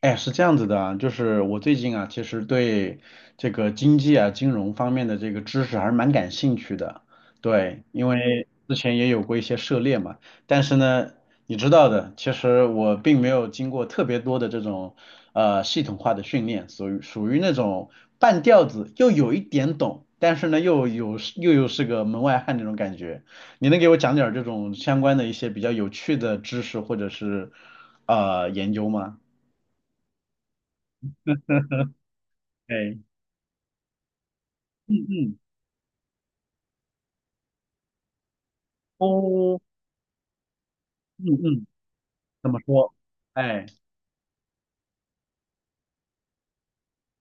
哎，是这样子的啊，就是我最近啊，其实对这个经济啊、金融方面的这个知识还是蛮感兴趣的。对，因为之前也有过一些涉猎嘛，但是呢，你知道的，其实我并没有经过特别多的这种系统化的训练，属于那种半吊子，又有一点懂，但是呢又有又又是个门外汉那种感觉。你能给我讲点儿这种相关的一些比较有趣的知识或者是研究吗？哎。嗯嗯，哦，嗯嗯，怎么说？哎，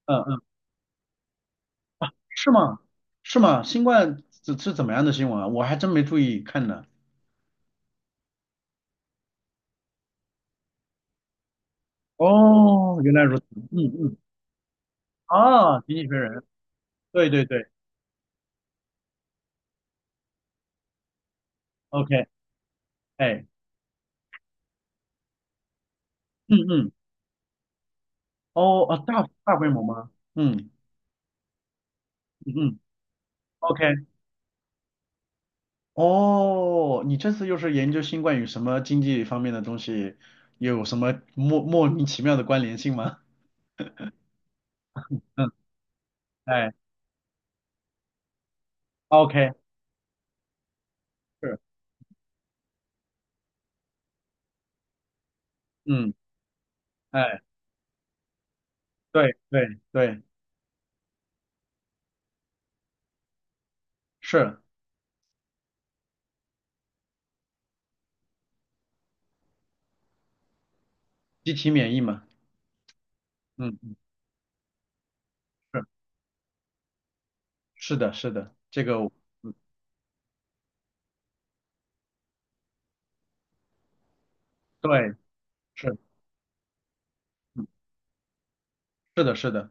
嗯嗯，是吗？是吗？新冠是怎么样的新闻啊？我还真没注意看呢。哦，原来如此。嗯嗯，啊，经济学人，对对对，OK，哎，嗯嗯，哦啊，大规模吗？嗯嗯嗯，OK，哦，你这次又是研究新冠与什么经济方面的东西，有什么莫名其妙的关联性吗？嗯，哎，OK，是，嗯。哎。对对对，是机体免疫嘛？嗯，是是的，是的，这个我对是，嗯，是的，是的，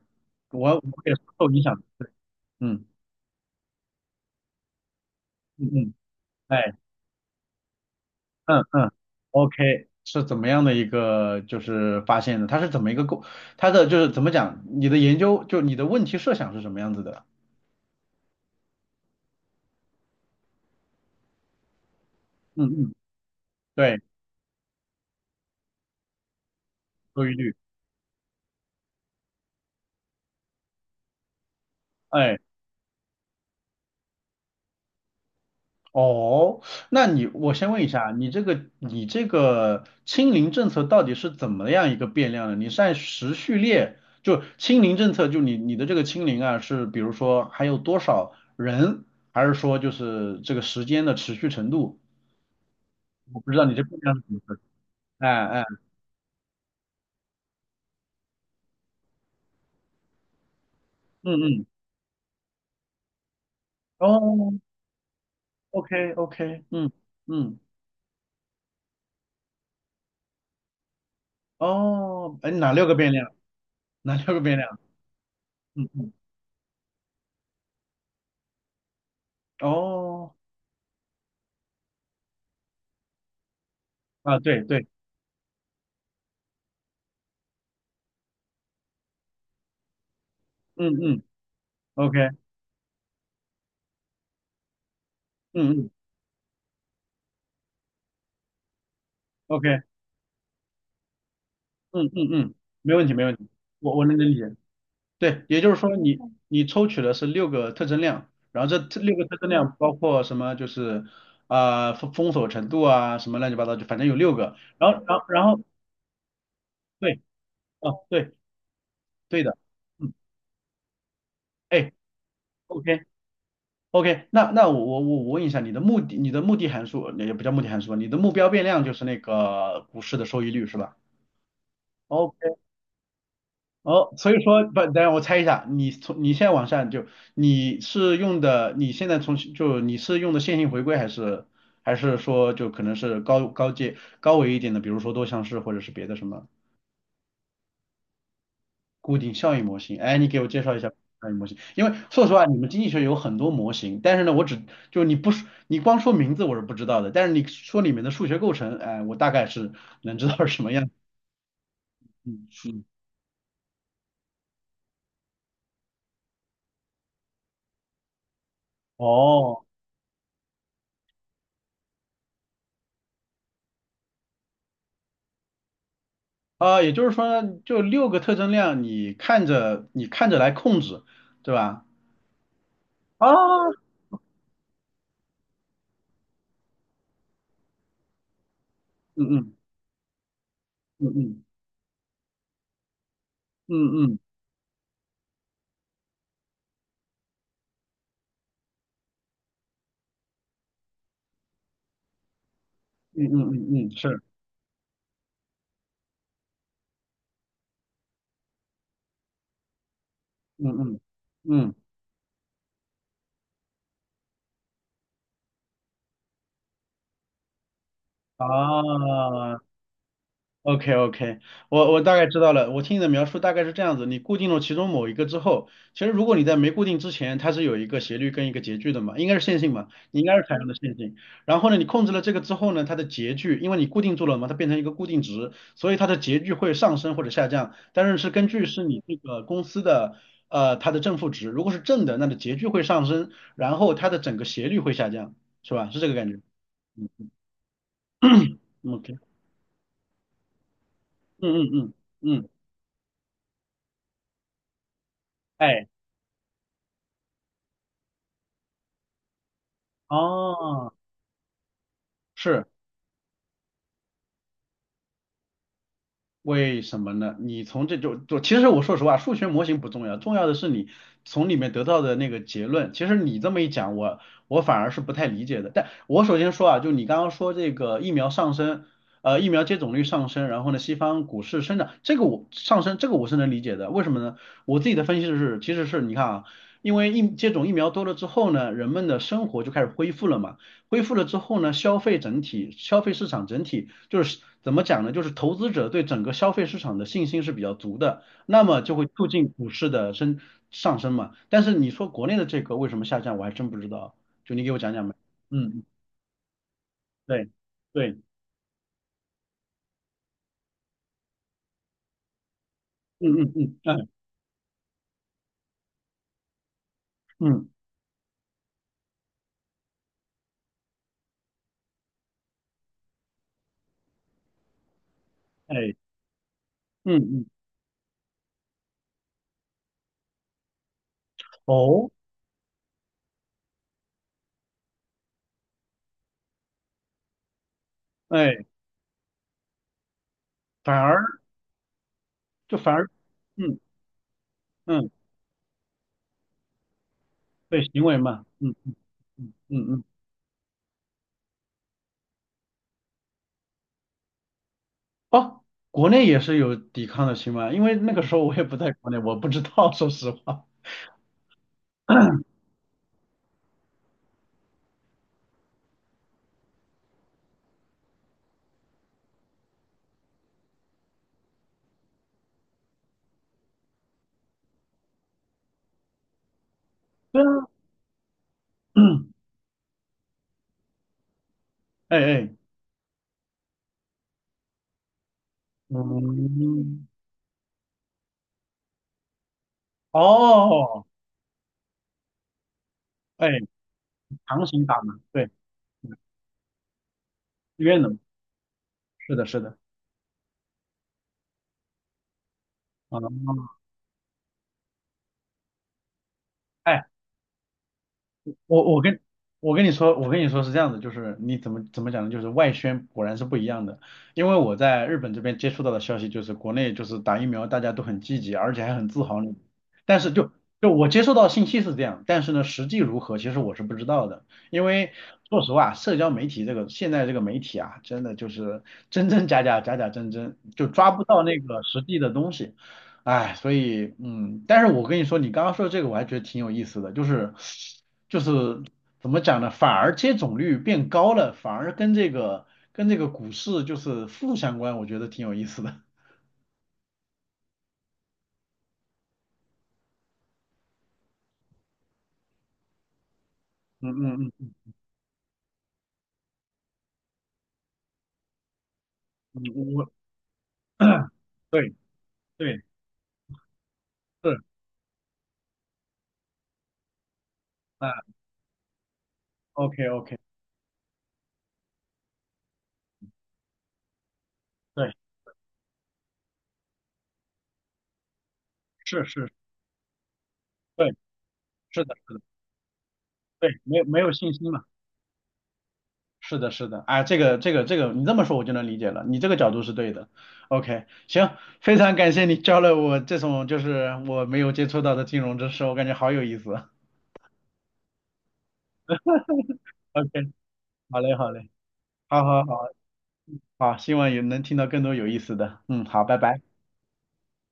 我也是受影响的，对嗯嗯嗯，哎，嗯嗯，OK，是怎么样的一个就是发现的？它是怎么一个构？它的就是怎么讲？你的研究就你的问题设想是什么样子的？嗯嗯，对，收益率，哎。哦，那你我先问一下，你这个清零政策到底是怎么样一个变量呢？你是按时序列，就清零政策，就你的这个清零啊，是比如说还有多少人，还是说就是这个时间的持续程度？我不知道你这变量是怎么回事。哎哎，嗯嗯，哦，OK OK，嗯嗯，哦，哎，哪六个变量？哪六个变量？嗯嗯，哦，啊，对对，嗯嗯，OK，嗯嗯。OK，嗯嗯嗯，没问题没问题，我能理解。对，也就是说你抽取的是六个特征量，然后这六个特征量包括什么？就是啊、封锁程度啊，什么乱七八糟，就反正有六个。然后对，哦对对的，嗯，哎，OK OK，那我问一下你的目的，你的目的函数也不叫目的函数，你的目标变量就是那个股市的收益率是吧？OK 哦，所以说不，等下我猜一下，你从你现在往下就你是用的，你现在从就你是用的线性回归还是还是说就可能是高阶高维一点的，比如说多项式或者是别的什么固定效应模型？哎，你给我介绍一下固定效应模型，因为说实话，你们经济学有很多模型，但是呢，我只就你不说你光说名字我是不知道的，但是你说里面的数学构成，哎，我大概是能知道是什么样子。嗯嗯，哦啊，也就是说呢就六个特征量，你看着来控制，对吧？啊，嗯嗯嗯嗯嗯嗯嗯嗯嗯，是，嗯嗯嗯，啊，OK OK，我大概知道了。我听你的描述大概是这样子：你固定了其中某一个之后，其实如果你在没固定之前，它是有一个斜率跟一个截距的嘛，应该是线性嘛，你应该是采用的线性。然后呢，你控制了这个之后呢，它的截距，因为你固定住了嘛，它变成一个固定值，所以它的截距会上升或者下降，但是是根据是你这个公司的它的正负值，如果是正的，那的截距会上升，然后它的整个斜率会下降，是吧？是这个感觉。嗯，OK，嗯嗯嗯嗯，哎，哦。是为什么呢？你从这就其实我说实话，数学模型不重要，重要的是你从里面得到的那个结论。其实你这么一讲，我反而是不太理解的。但我首先说啊，就你刚刚说这个疫苗上升，疫苗接种率上升，然后呢，西方股市生长，这个我上升，这个我是能理解的。为什么呢？我自己的分析是，其实是你看啊，因为接种疫苗多了之后呢，人们的生活就开始恢复了嘛。恢复了之后呢，消费市场整体就是怎么讲呢？就是投资者对整个消费市场的信心是比较足的，那么就会促进股市的上升嘛。但是你说国内的这个为什么下降，我还真不知道，就你给我讲讲呗。嗯，对对，嗯嗯嗯，哎嗯哎嗯嗯哦哎，反而反而嗯嗯对行为嘛，嗯嗯嗯。哦，国内也是有抵抗的新闻，因为那个时候我也不在国内，我不知道，说实话。对啊，哎哎，嗯，哦，哎，强行打嘛，对，自愿的嘛，是的，是的，啊、哎我我跟我跟你说，我跟你说是这样子，就是你怎么讲呢？就是外宣果然是不一样的，因为我在日本这边接触到的消息就是，国内就是打疫苗大家都很积极，而且还很自豪呢。但是就我接受到的信息是这样，但是呢，实际如何其实我是不知道的，因为说实话，社交媒体这个现在这个媒体啊，真的就是真真假假，假假真真，就抓不到那个实际的东西。哎，所以嗯，但是我跟你说，你刚刚说的这个我还觉得挺有意思的，就是怎么讲呢？反而接种率变高了，反而跟这个股市就是负相关，我觉得挺有意思的。嗯嗯嗯嗯，我 对对是，啊，OK OK，对，是是，对，是的是的，对，没有没有信心嘛。是的，是的，哎，这个，你这么说我就能理解了，你这个角度是对的。OK，行，非常感谢你教了我这种就是我没有接触到的金融知识，我感觉好有意思。OK，好嘞，好嘞，好好好好，希望也能听到更多有意思的。嗯，好，拜拜。